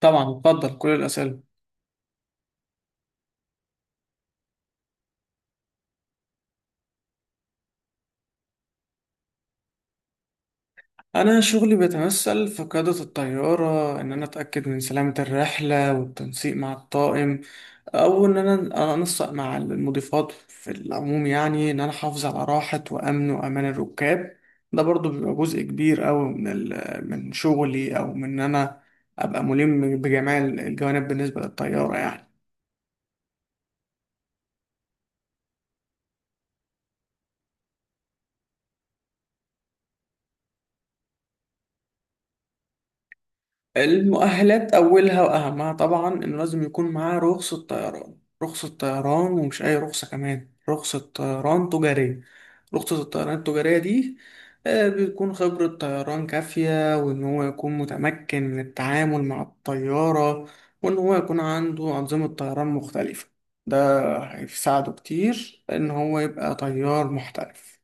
طبعا بفضل كل الأسئلة. أنا شغلي بيتمثل في قيادة الطيارة، إن أنا أتأكد من سلامة الرحلة والتنسيق مع الطاقم، أو إن أنا أنسق مع المضيفات في العموم، يعني إن أنا أحافظ على راحة وأمن وأمان الركاب. ده برضو بيبقى جزء كبير أوي من شغلي، أو من إن أنا أبقى ملم بجميع الجوانب بالنسبة للطيارة يعني. المؤهلات أولها وأهمها طبعا إنه لازم يكون معاه رخصة طيران، رخصة طيران، ومش أي رخصة، كمان رخصة طيران تجارية. رخصة الطيران التجارية دي بتكون خبرة طيران كافية، وإن هو يكون متمكن من التعامل مع الطيارة، وإن هو يكون عنده أنظمة طيران مختلفة. ده هيساعده كتير إن هو يبقى طيار محترف.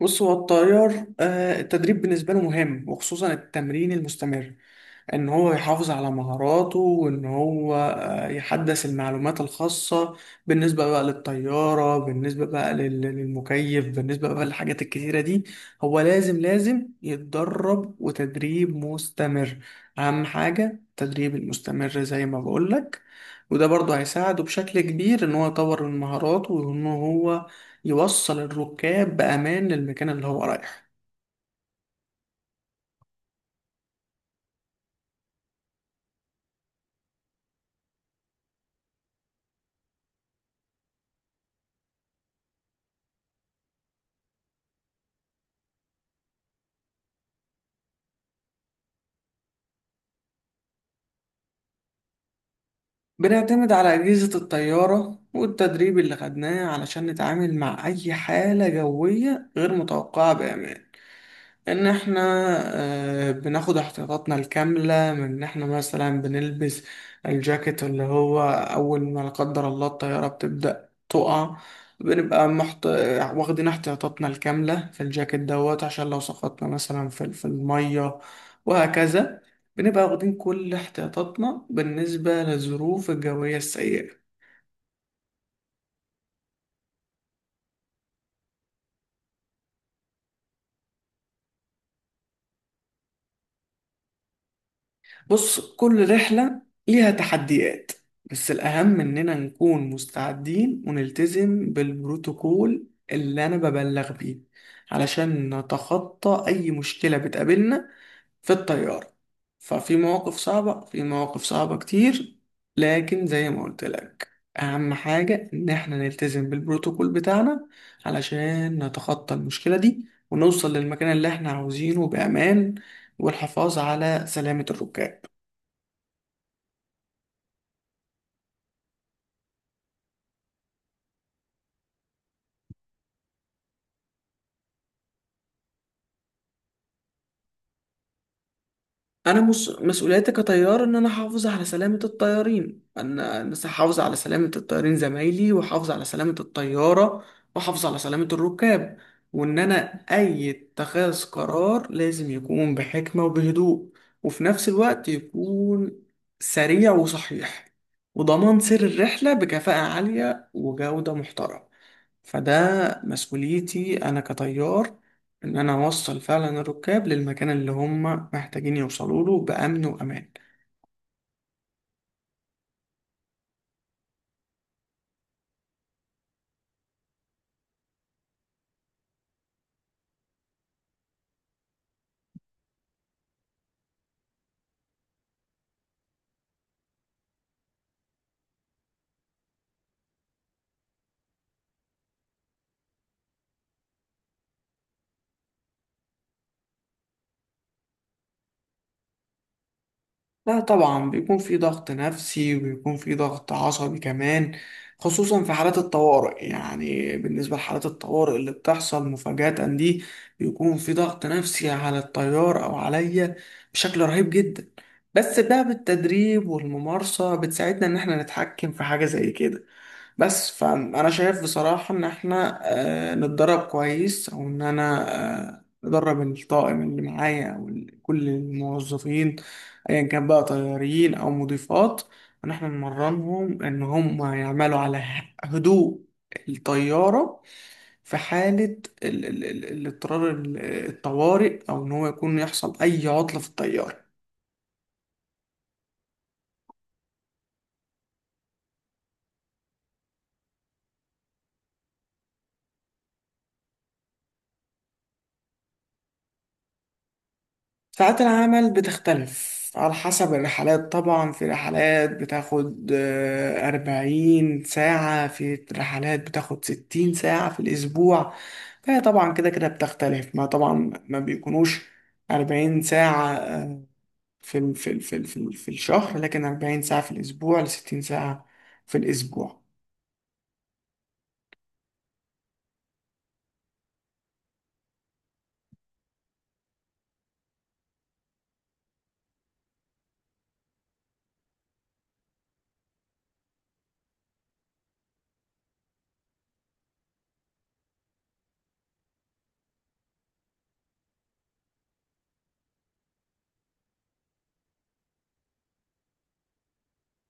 بص، هو الطيار، التدريب بالنسبة له مهم، وخصوصا التمرين المستمر، ان هو يحافظ على مهاراته، وان هو يحدث المعلومات الخاصة بالنسبة بقى للطيارة، بالنسبة بقى للمكيف، بالنسبة بقى للحاجات الكتيرة دي. هو لازم يتدرب، وتدريب مستمر. اهم حاجة التدريب المستمر زي ما بقولك. وده برضه هيساعده بشكل كبير، ان هو يطور من مهاراته، وان هو يوصل الركاب بأمان للمكان اللي هو رايحه. بنعتمد على أجهزة الطيارة والتدريب اللي خدناه علشان نتعامل مع أي حالة جوية غير متوقعة بأمان. ان احنا بناخد احتياطاتنا الكاملة، من ان احنا مثلا بنلبس الجاكيت، اللي هو اول ما لا قدر الله الطيارة بتبدأ تقع، بنبقى محت... واخدين احتياطاتنا الكاملة في الجاكيت دوت، عشان لو سقطنا مثلا في المية وهكذا. بنبقى واخدين كل احتياطاتنا بالنسبة للظروف الجوية السيئة. بص، كل رحلة ليها تحديات، بس الأهم إننا نكون مستعدين ونلتزم بالبروتوكول اللي أنا ببلغ بيه، علشان نتخطى أي مشكلة بتقابلنا في الطيارة. ففي مواقف صعبة، في مواقف صعبة كتير، لكن زي ما قلت لك، أهم حاجة إن إحنا نلتزم بالبروتوكول بتاعنا، علشان نتخطى المشكلة دي، ونوصل للمكان اللي إحنا عاوزينه بأمان، والحفاظ على سلامة الركاب. مسؤوليتي كطيار ان انا احافظ على سلامة الطيارين زمايلي، واحافظ على سلامة الطيارة، واحافظ على سلامة الركاب. وان انا، اي اتخاذ قرار لازم يكون بحكمة وبهدوء، وفي نفس الوقت يكون سريع وصحيح، وضمان سير الرحلة بكفاءة عالية وجودة محترمة. فده مسؤوليتي انا كطيار، ان انا اوصل فعلا الركاب للمكان اللي هم محتاجين يوصلوا له بامن وامان. لا طبعا، بيكون في ضغط نفسي، وبيكون في ضغط عصبي كمان، خصوصا في حالات الطوارئ. يعني بالنسبة لحالات الطوارئ اللي بتحصل مفاجأة دي، بيكون في ضغط نفسي على الطيار او عليا بشكل رهيب جدا. بس بقى بالتدريب والممارسة بتساعدنا ان احنا نتحكم في حاجة زي كده. بس فانا شايف بصراحة ان احنا نتدرب كويس، او ان انا ندرب الطاقم اللي معايا، او كل الموظفين، ايا كان بقى طيارين او مضيفات، ان احنا نمرنهم ان هم يعملوا على هدوء الطيارة في حالة الاضطرار، الطوارئ، او ان هو يكون يحصل اي عطلة في الطيارة. ساعات العمل بتختلف على حسب الرحلات. طبعا في رحلات بتاخد 40 ساعة، في رحلات بتاخد 60 ساعة في الأسبوع. فهي طبعا كده كده بتختلف. ما طبعا ما بيكونوش 40 ساعة، في الشهر، لكن 40 ساعة في الأسبوع لـ60 ساعة في الأسبوع.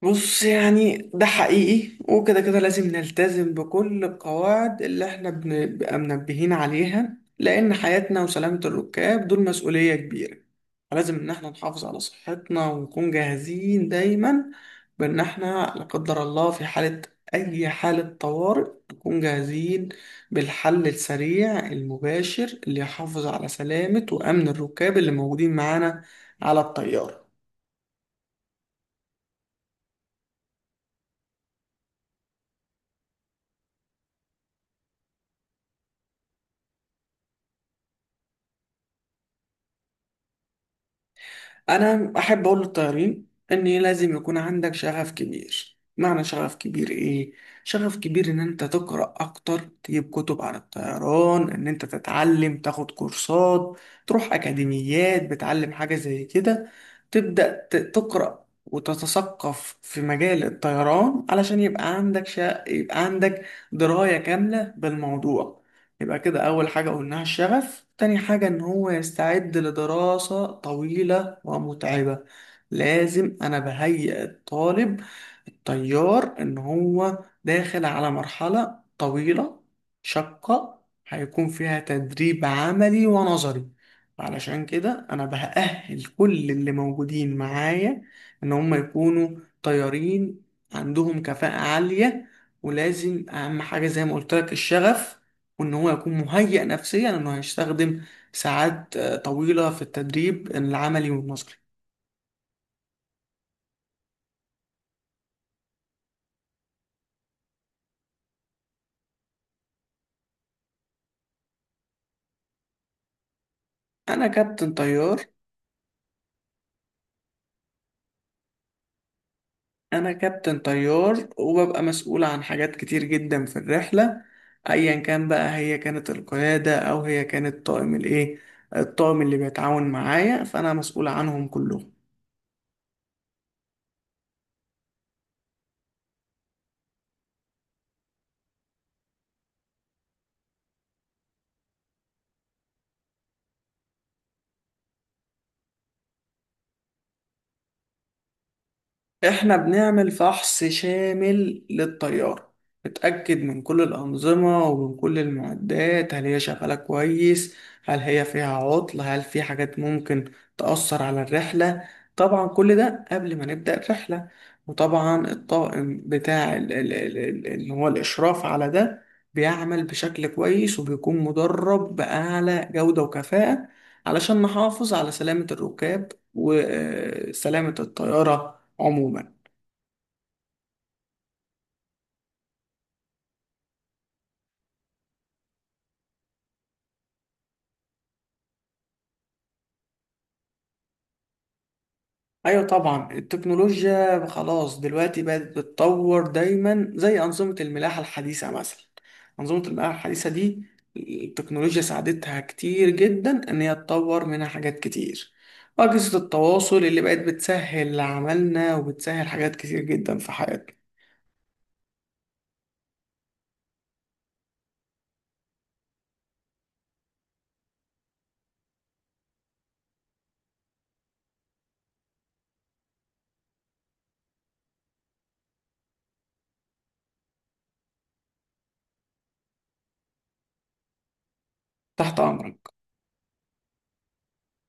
بص يعني ده حقيقي، وكده كده لازم نلتزم بكل القواعد اللي احنا بنبقى منبهين عليها، لأن حياتنا وسلامة الركاب دول مسؤولية كبيرة. فلازم إن احنا نحافظ على صحتنا، ونكون جاهزين دايما، بإن احنا لا قدر الله في حالة أي حالة طوارئ نكون جاهزين، بالحل السريع المباشر اللي يحافظ على سلامة وأمن الركاب اللي موجودين معانا على الطيارة. انا احب اقول للطيارين ان لازم يكون عندك شغف كبير. معنى شغف كبير ايه؟ شغف كبير ان انت تقرا اكتر، تجيب كتب عن الطيران، ان انت تتعلم، تاخد كورسات، تروح اكاديميات بتعلم حاجه زي كده، تبدا تقرا وتتثقف في مجال الطيران، علشان يبقى عندك يبقى عندك درايه كامله بالموضوع. يبقى كده أول حاجة قلناها الشغف، تاني حاجة إن هو يستعد لدراسة طويلة ومتعبة. لازم أنا بهيئ الطالب التيار إن هو داخل على مرحلة طويلة شاقة، هيكون فيها تدريب عملي ونظري. علشان كده أنا بأهل كل اللي موجودين معايا إن هم يكونوا طيارين عندهم كفاءة عالية. ولازم أهم حاجة زي ما قلت لك الشغف، وان هو يكون مهيئ نفسيا انه هيستخدم ساعات طويلة في التدريب العملي والنظري. انا كابتن طيار. انا كابتن طيار، وببقى مسؤول عن حاجات كتير جدا في الرحلة، ايا كان بقى هي كانت القيادة او هي كانت طاقم الايه، الطاقم اللي بيتعاون معايا، فانا مسؤول عنهم كلهم. احنا بنعمل فحص شامل للطيارة، بتأكد من كل الأنظمة ومن كل المعدات، هل هي شغالة كويس؟ هل هي فيها عطل؟ هل في حاجات ممكن تأثر على الرحلة؟ طبعا كل ده قبل ما نبدأ الرحلة. وطبعا الطاقم بتاع اللي هو الإشراف على ده، بيعمل بشكل كويس، وبيكون مدرب بأعلى جودة وكفاءة، علشان نحافظ على سلامة الركاب وسلامة الطيارة عموما. ايوه طبعا، التكنولوجيا خلاص دلوقتي بقت بتتطور دايما، زي انظمه الملاحه الحديثه مثلا. انظمه الملاحه الحديثه دي التكنولوجيا ساعدتها كتير جدا ان هي تطور منها حاجات كتير، واجهزه التواصل اللي بقت بتسهل عملنا، وبتسهل حاجات كتير جدا في حياتنا. تحت امرك.